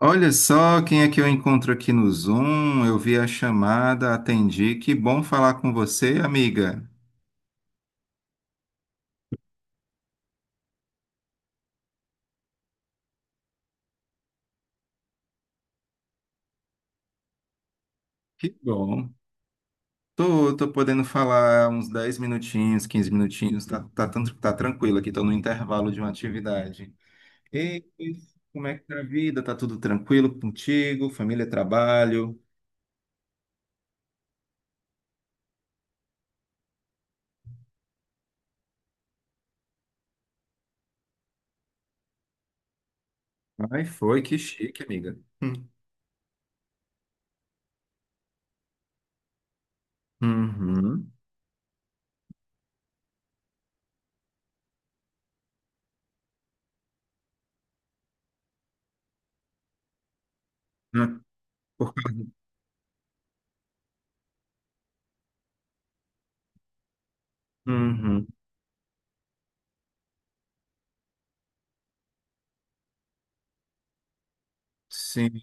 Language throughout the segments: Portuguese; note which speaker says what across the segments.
Speaker 1: Olha só quem é que eu encontro aqui no Zoom. Eu vi a chamada, atendi. Que bom falar com você, amiga. Que bom. Tô podendo falar uns 10 minutinhos, 15 minutinhos. Tá tranquilo aqui, tô no intervalo de uma atividade. E como é que tá a vida? Tá tudo tranquilo contigo? Família, trabalho? Ai, foi, que chique, amiga. Hum. Uhum. Ah, por- Uhum. Sim.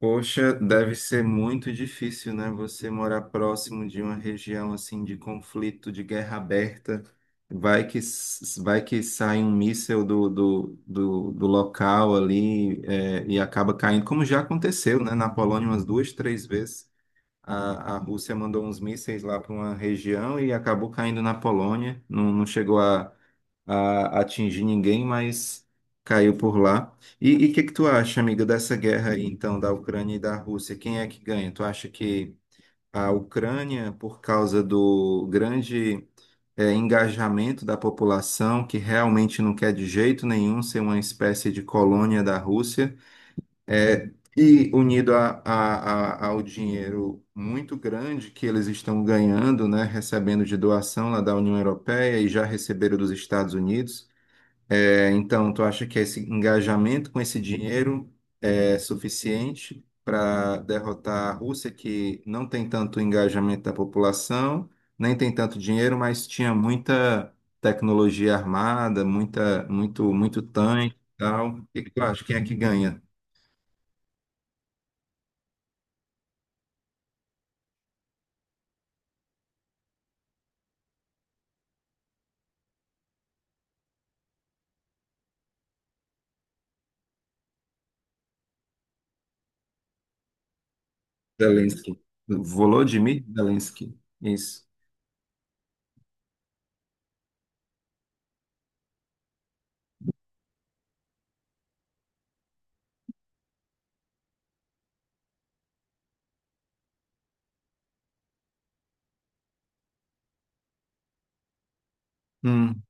Speaker 1: Poxa, deve ser muito difícil, né? Você morar próximo de uma região assim de conflito, de guerra aberta. Vai que sai um míssil do local ali, é, e acaba caindo, como já aconteceu, né? Na Polônia umas duas, três vezes. A Rússia mandou uns mísseis lá para uma região e acabou caindo na Polônia. Não, não chegou a atingir ninguém, mas caiu por lá. E o que que tu acha, amiga, dessa guerra aí, então, da Ucrânia e da Rússia? Quem é que ganha? Tu acha que a Ucrânia, por causa do grande engajamento da população, que realmente não quer de jeito nenhum ser uma espécie de colônia da Rússia, é, e unido ao dinheiro muito grande que eles estão ganhando, né, recebendo de doação lá da União Europeia e já receberam dos Estados Unidos. É, então, tu acha que esse engajamento com esse dinheiro é suficiente para derrotar a Rússia, que não tem tanto engajamento da população, nem tem tanto dinheiro, mas tinha muita tecnologia armada, muita, muito tanque e tal. O que que tu acha? Quem é que ganha? Zelensky. Volodymyr Zelensky. Isso. Hum,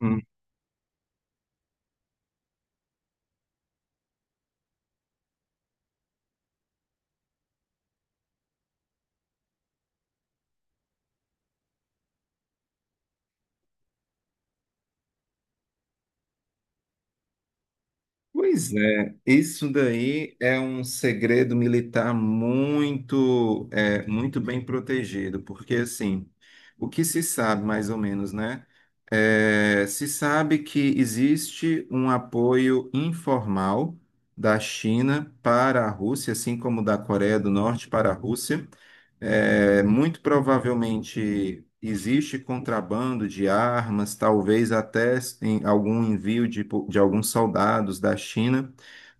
Speaker 1: hum. Pois é, isso daí é um segredo militar muito bem protegido, porque assim, o que se sabe mais ou menos, né? É, se sabe que existe um apoio informal da China para a Rússia, assim como da Coreia do Norte para a Rússia. É, muito provavelmente existe contrabando de armas, talvez até em algum envio de alguns soldados da China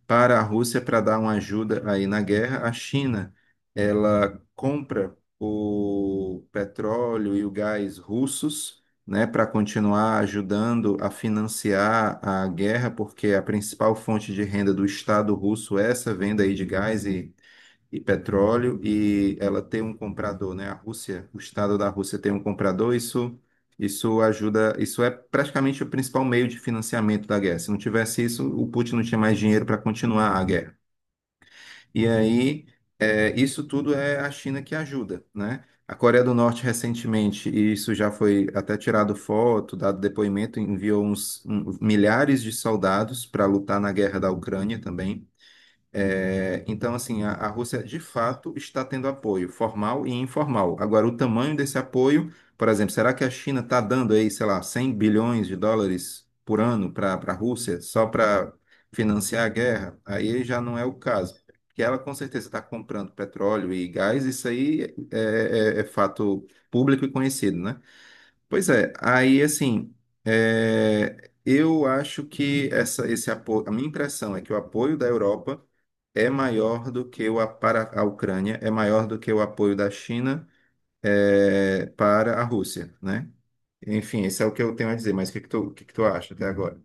Speaker 1: para a Rússia para dar uma ajuda aí na guerra. A China, ela compra o petróleo e o gás russos, né, para continuar ajudando a financiar a guerra, porque a principal fonte de renda do Estado russo é essa venda aí de gás e petróleo e ela tem um comprador, né? A Rússia, o Estado da Rússia tem um comprador, isso ajuda, isso é praticamente o principal meio de financiamento da guerra. Se não tivesse isso, o Putin não tinha mais dinheiro para continuar a guerra. E aí, é, isso tudo é a China que ajuda, né? A Coreia do Norte recentemente, e isso já foi até tirado foto, dado depoimento, enviou milhares de soldados para lutar na guerra da Ucrânia também. É, então, assim, a Rússia de fato está tendo apoio formal e informal. Agora, o tamanho desse apoio, por exemplo, será que a China está dando aí, sei lá, 100 bilhões de dólares por ano para a Rússia só para financiar a guerra? Aí já não é o caso. Que ela com certeza está comprando petróleo e gás, isso aí é fato público e conhecido, né? Pois é, aí assim, é, eu acho que essa, esse apoio, a minha impressão é que o apoio da Europa é maior do que para a Ucrânia, é maior do que o apoio da China, é, para a Rússia, né? Enfim, esse é o que eu tenho a dizer, mas o que que tu acha até agora?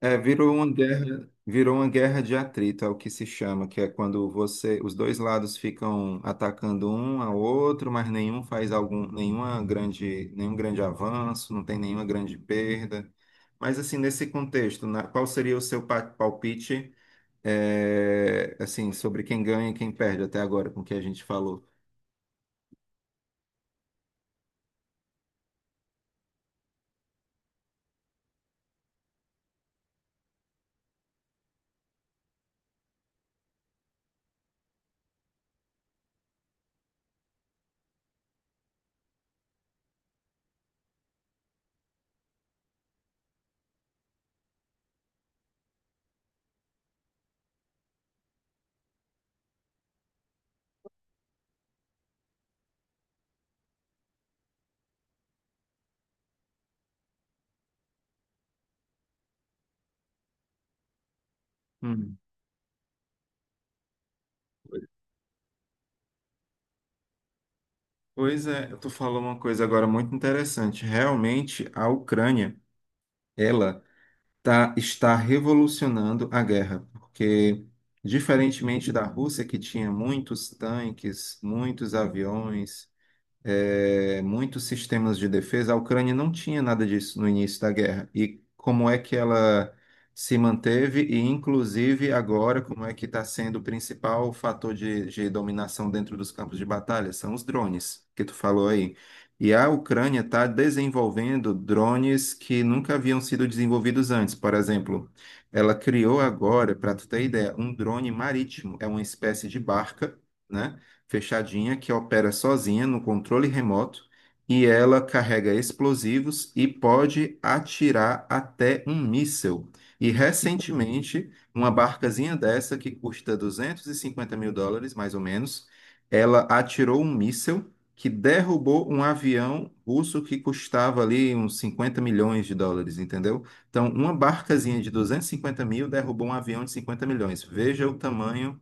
Speaker 1: É, virou uma guerra de atrito, é o que se chama, que é quando você, os dois lados ficam atacando um ao outro, mas nenhum faz algum, nenhuma grande, nenhum grande avanço, não tem nenhuma grande perda. Mas assim, nesse contexto, qual seria o seu palpite, é, assim, sobre quem ganha e quem perde até agora com o que a gente falou? Hum. Pois é, tu falou uma coisa agora muito interessante. Realmente, a Ucrânia, ela tá, está revolucionando a guerra, porque, diferentemente da Rússia, que tinha muitos tanques, muitos aviões, é, muitos sistemas de defesa. A Ucrânia não tinha nada disso no início da guerra. E como é que ela se manteve e, inclusive, agora, como é que está sendo o principal fator de dominação dentro dos campos de batalha? São os drones, que tu falou aí. E a Ucrânia está desenvolvendo drones que nunca haviam sido desenvolvidos antes. Por exemplo, ela criou agora, para tu ter ideia, um drone marítimo. É uma espécie de barca, né, fechadinha, que opera sozinha no controle remoto e ela carrega explosivos e pode atirar até um míssil. E recentemente, uma barcazinha dessa que custa 250 mil dólares, mais ou menos, ela atirou um míssil que derrubou um avião russo que custava ali uns 50 milhões de dólares, entendeu? Então, uma barcazinha de 250 mil derrubou um avião de 50 milhões. Veja o tamanho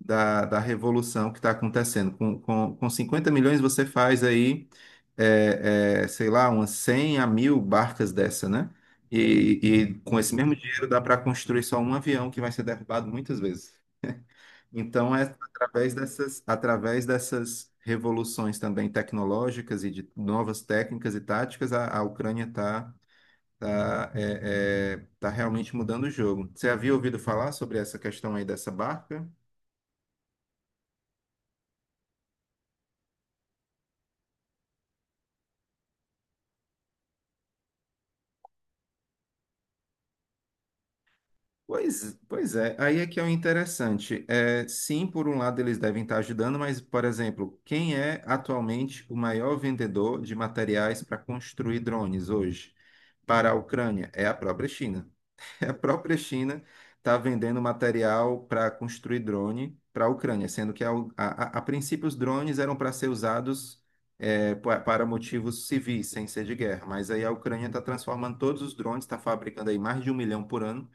Speaker 1: da revolução que está acontecendo. Com 50 milhões você faz aí, sei lá, umas 100 a 1.000 barcas dessa, né? E com esse mesmo dinheiro dá para construir só um avião que vai ser derrubado muitas vezes. Então é através dessas revoluções também tecnológicas e de novas técnicas e táticas, a Ucrânia está realmente mudando o jogo. Você havia ouvido falar sobre essa questão aí dessa barca? Pois é, aí é que é o interessante. É, sim, por um lado eles devem estar ajudando, mas, por exemplo, quem é atualmente o maior vendedor de materiais para construir drones hoje para a Ucrânia? É a própria China. A própria China está vendendo material para construir drone para a Ucrânia, sendo que a princípio os drones eram para ser usados para motivos civis, sem ser de guerra. Mas aí a Ucrânia está transformando todos os drones, está fabricando aí mais de 1 milhão por ano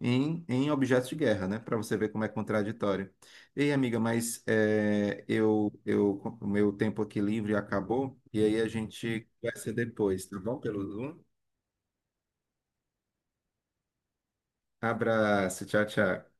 Speaker 1: em objetos de guerra, né? Para você ver como é contraditório. Ei, amiga, mas o meu tempo aqui livre acabou, e aí a gente conversa depois, tá bom? Pelo Zoom. Abraço, tchau, tchau.